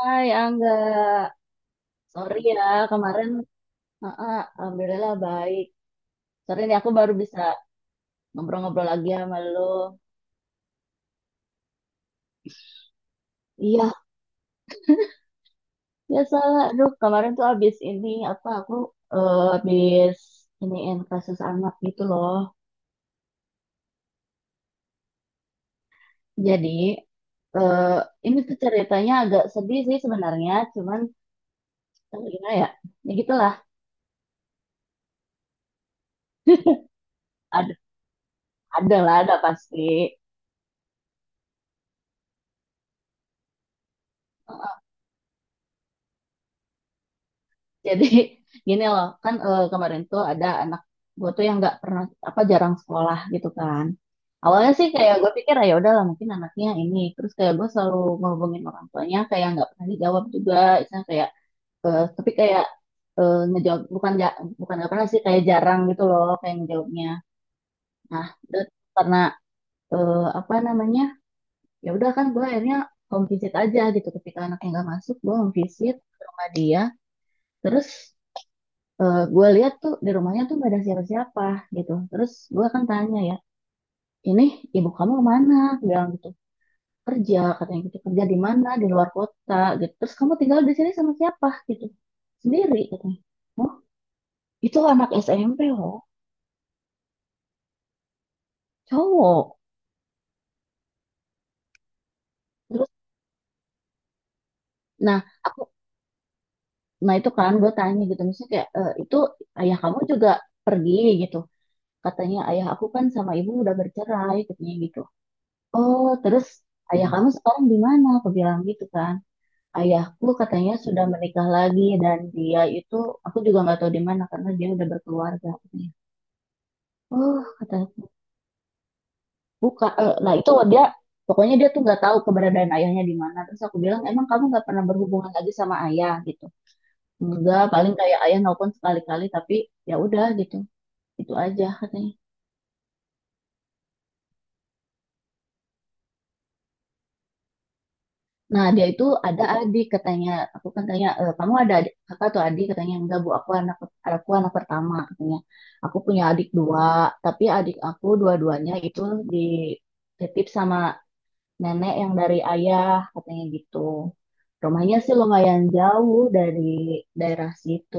Hai Angga, sorry ya kemarin. Heeh, alhamdulillah baik. Sorry nih aku baru bisa ngobrol-ngobrol lagi sama lo. Iya, biasalah. Aduh, kemarin tuh abis ini apa aku abis iniin kasus anak gitu loh. Jadi eh, ini tuh ceritanya agak sedih sih sebenarnya, cuman gimana ya? Ya gitulah. Ada, ada lah, ada pasti. Jadi gini loh, kan kemarin tuh ada anak gue tuh yang nggak pernah apa jarang sekolah gitu kan. Awalnya sih kayak gue pikir, "Ah, ya udahlah mungkin anaknya ini." Terus kayak gue selalu ngehubungin orang tuanya kayak nggak pernah dijawab juga. Misalnya kayak tapi kayak ngejawab bukan nggak pernah sih kayak jarang gitu loh kayak ngejawabnya. Nah udah, karena apa namanya ya udah kan gue akhirnya home visit aja gitu ketika anaknya nggak masuk gue home visit ke rumah dia. Terus gue lihat tuh di rumahnya tuh gak ada siapa-siapa gitu. Terus gue kan tanya ya, ini ibu kamu kemana? Dia bilang gitu, kerja katanya gitu, kerja di mana? Di luar kota gitu. Terus kamu tinggal di sini sama siapa gitu? Sendiri katanya. Oh, itu anak SMP loh, cowok. Terus, nah aku, nah itu kan gue tanya gitu, misalnya kayak, "Eh, itu ayah kamu juga pergi gitu." Katanya ayah aku kan sama ibu udah bercerai katanya gitu. Oh, terus ayah kamu sekarang di mana? Aku bilang gitu kan. Ayahku katanya sudah menikah lagi dan dia itu aku juga nggak tahu di mana karena dia udah berkeluarga katanya. Oh kata aku, nah itu dia pokoknya dia tuh nggak tahu keberadaan ayahnya di mana. Terus aku bilang emang kamu nggak pernah berhubungan lagi sama ayah gitu. Enggak, paling kayak ayah nelpon sekali-kali tapi ya udah gitu, itu aja katanya. Nah, dia itu ada adik katanya. Aku kan tanya, "Eh, kamu ada adik kakak atau adik?" Katanya, enggak bu, aku anak pertama katanya. Aku punya adik dua, tapi adik aku dua-duanya itu dititip sama nenek yang dari ayah katanya gitu. Rumahnya sih lumayan jauh dari daerah situ.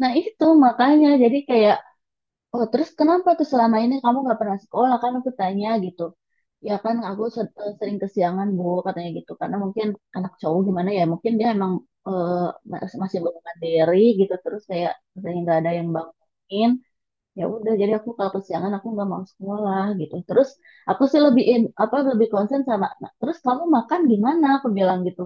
Nah itu makanya jadi kayak, oh terus kenapa tuh selama ini kamu nggak pernah sekolah kan aku tanya gitu. Ya kan aku sering kesiangan Bu katanya gitu karena mungkin anak cowok gimana ya mungkin dia emang eh, masih belum mandiri gitu terus kayak sering nggak ada yang bangunin ya udah jadi aku kalau kesiangan aku nggak mau sekolah gitu terus aku sih lebih apa lebih konsen sama, "Nah, terus kamu makan gimana?" aku bilang gitu.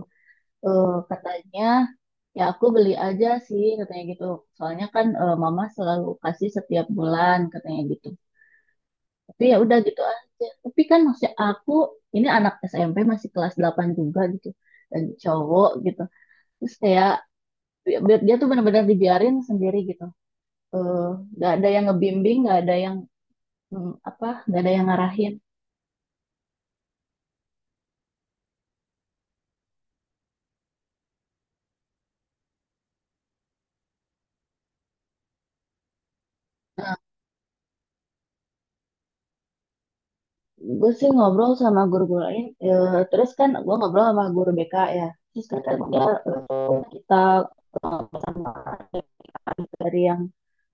Katanya ya aku beli aja sih katanya gitu soalnya kan mama selalu kasih setiap bulan katanya gitu tapi ya udah gitu aja. Tapi kan masih aku ini anak SMP masih kelas 8 juga gitu. Dan cowok gitu. Terus kayak bi- dia tuh benar-benar dibiarin sendiri gitu. Eh, nggak ada yang ngebimbing, nggak ada yang apa, nggak ada yang ngarahin. Gue sih ngobrol sama guru-guru lain. Terus kan gue ngobrol sama guru BK ya. Terus kata dia kita dari yang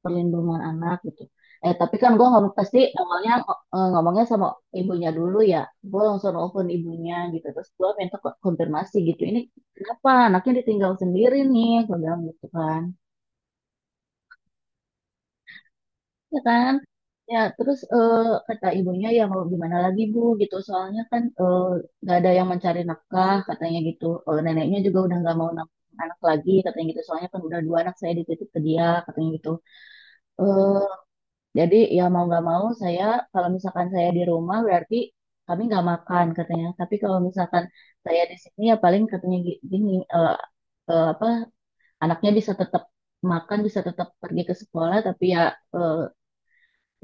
perlindungan anak gitu. Tapi kan gue ngomong pasti awalnya ngomongnya sama ibunya dulu ya. Gue langsung telepon ibunya gitu. Terus gue minta konfirmasi gitu. Ini kenapa anaknya ditinggal sendiri nih? Gue bilang gitu kan. Ya kan? Ya terus kata ibunya ya mau gimana lagi bu gitu. Soalnya kan nggak ada yang mencari nafkah katanya gitu. Neneknya juga udah nggak mau nafkah anak lagi katanya gitu. Soalnya kan udah dua anak saya dititip ke dia katanya gitu. Eh Jadi ya mau nggak mau saya kalau misalkan saya di rumah berarti kami nggak makan katanya. Tapi kalau misalkan saya di sini ya paling katanya gini eh, apa anaknya bisa tetap makan bisa tetap pergi ke sekolah tapi ya eh,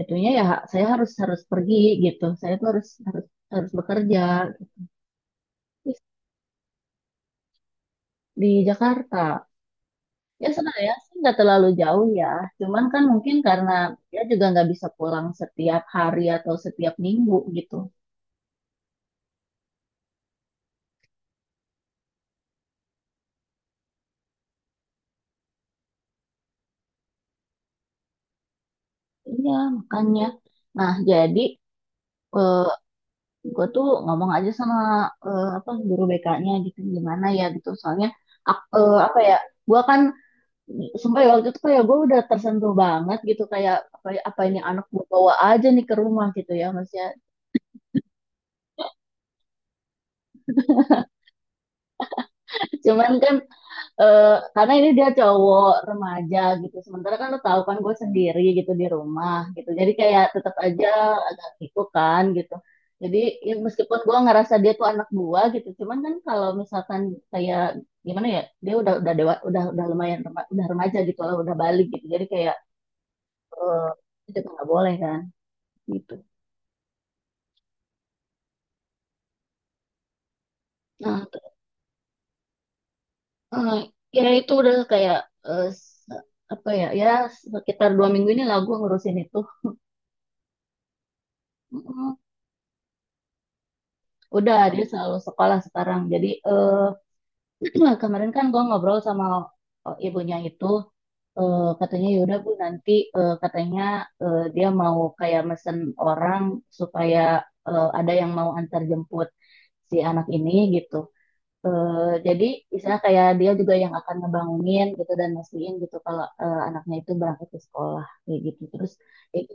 itunya ya saya harus harus pergi gitu. Saya tuh harus harus harus bekerja di Jakarta. Ya sebenarnya sih nggak terlalu jauh ya. Cuman kan mungkin karena dia juga nggak bisa pulang setiap hari atau setiap minggu gitu. Iya, makanya. Nah, jadi eh, gue tuh ngomong aja sama apa guru BK-nya gitu gimana ya gitu. Soalnya apa ya, gue kan sampai waktu itu kayak gue udah tersentuh banget gitu kayak apa, apa ini anak gue bawa aja nih ke rumah gitu ya Mas ya. Cuman kan eh karena ini dia cowok remaja gitu. Sementara kan lo tahu kan gue sendiri gitu di rumah gitu. Jadi kayak tetap aja agak gitu kan gitu. Jadi ya meskipun gue ngerasa dia tuh anak gua gitu, cuman kan kalau misalkan kayak gimana ya, dia udah dewa, udah lumayan udah remaja gitu lah, udah balik gitu. Jadi kayak eh, itu tuh nggak boleh kan gitu. Nah, eh, ya itu udah kayak eh, se- apa ya, ya sekitar 2 minggu ini lah gue ngurusin itu. Udah, dia selalu sekolah sekarang. Jadi kemarin kan gue ngobrol sama ibunya itu, katanya yaudah bu nanti katanya dia mau kayak mesen orang supaya ada yang mau antar jemput si anak ini gitu. Eh, jadi misalnya kayak dia juga yang akan ngebangunin gitu dan mastiin gitu kalau anaknya itu berangkat ke sekolah kayak gitu. Terus eh,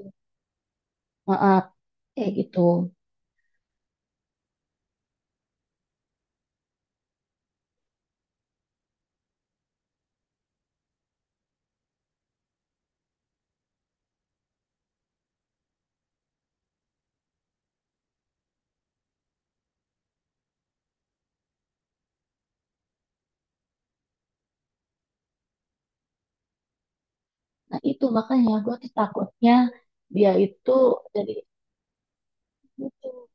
eh, kayak gitu. Nah itu makanya gue tuh takutnya dia itu jadi gitu.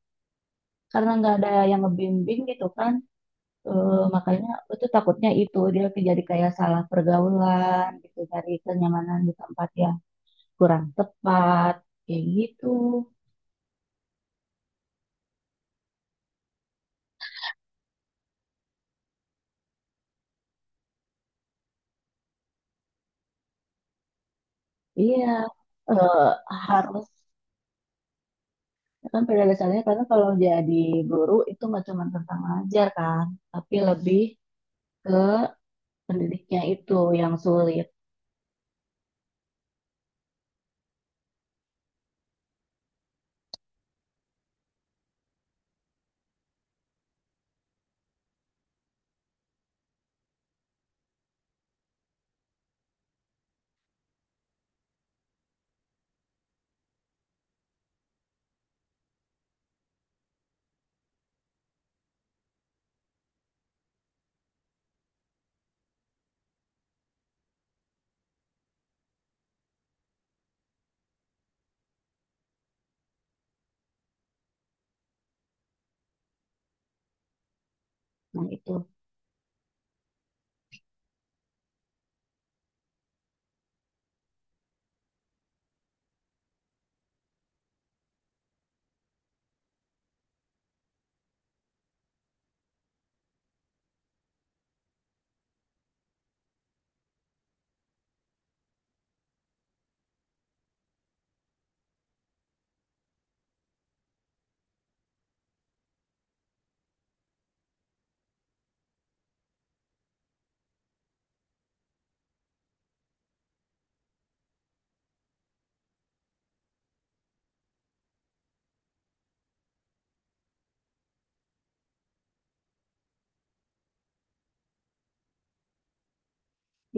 Karena nggak ada yang ngebimbing gitu kan, makanya aku tuh takutnya itu dia jadi kayak salah pergaulan gitu, cari kenyamanan di tempat yang kurang tepat, kayak gitu. Iya, eh, harus ya kan pada dasarnya karena kalau jadi guru itu nggak cuma tentang ngajar kan, tapi lebih ke pendidiknya itu yang sulit. Nah itu.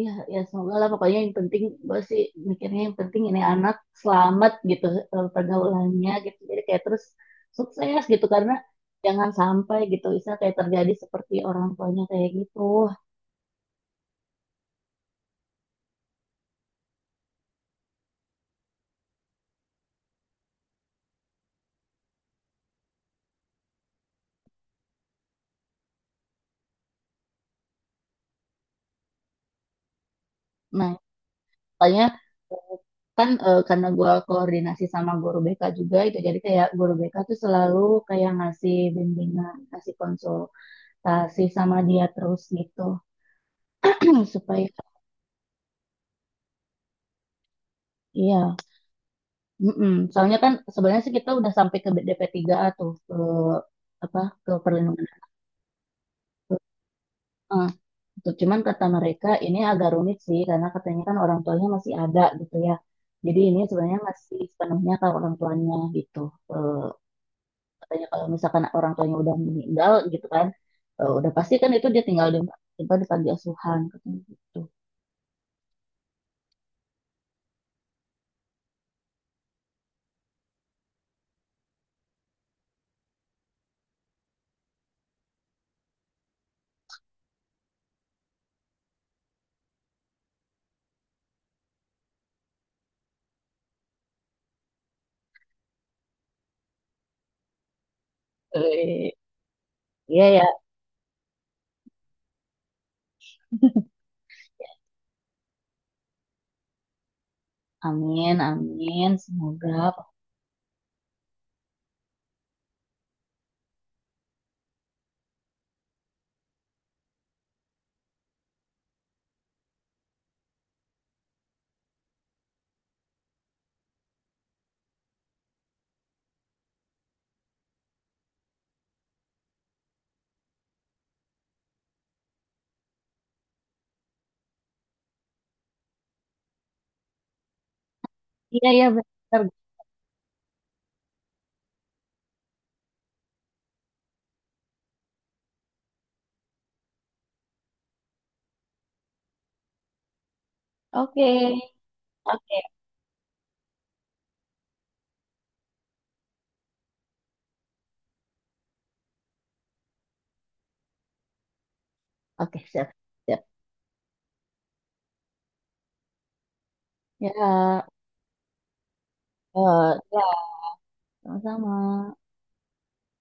Ya, ya semoga lah pokoknya yang penting gue sih mikirnya yang penting ini anak selamat gitu pergaulannya gitu jadi kayak terus sukses gitu karena jangan sampai gitu bisa kayak terjadi seperti orang tuanya kayak gitu nah makanya eh, kan karena gue koordinasi sama guru BK juga itu jadi kayak guru BK tuh selalu kayak ngasih bimbingan ngasih konsultasi sama dia terus gitu. Hmm, supaya. Iya. Mm-mm. Soalnya kan sebenarnya sih kita udah sampai ke DP3A tuh ke apa ke perlindungan anak. Eh, gitu. Cuman kata mereka ini agak rumit sih karena katanya kan orang tuanya masih ada gitu ya. Jadi ini sebenarnya masih sepenuhnya kalau orang tuanya gitu. Eh, katanya kalau misalkan orang tuanya udah meninggal gitu kan, udah pasti kan itu dia tinggal di apa, di panti asuhan katanya gitu. Eh, Iya ya, amin amin semoga. Iya ya benar. Oke, oke, oke, siap. Siap. Ya, ya, sama-sama.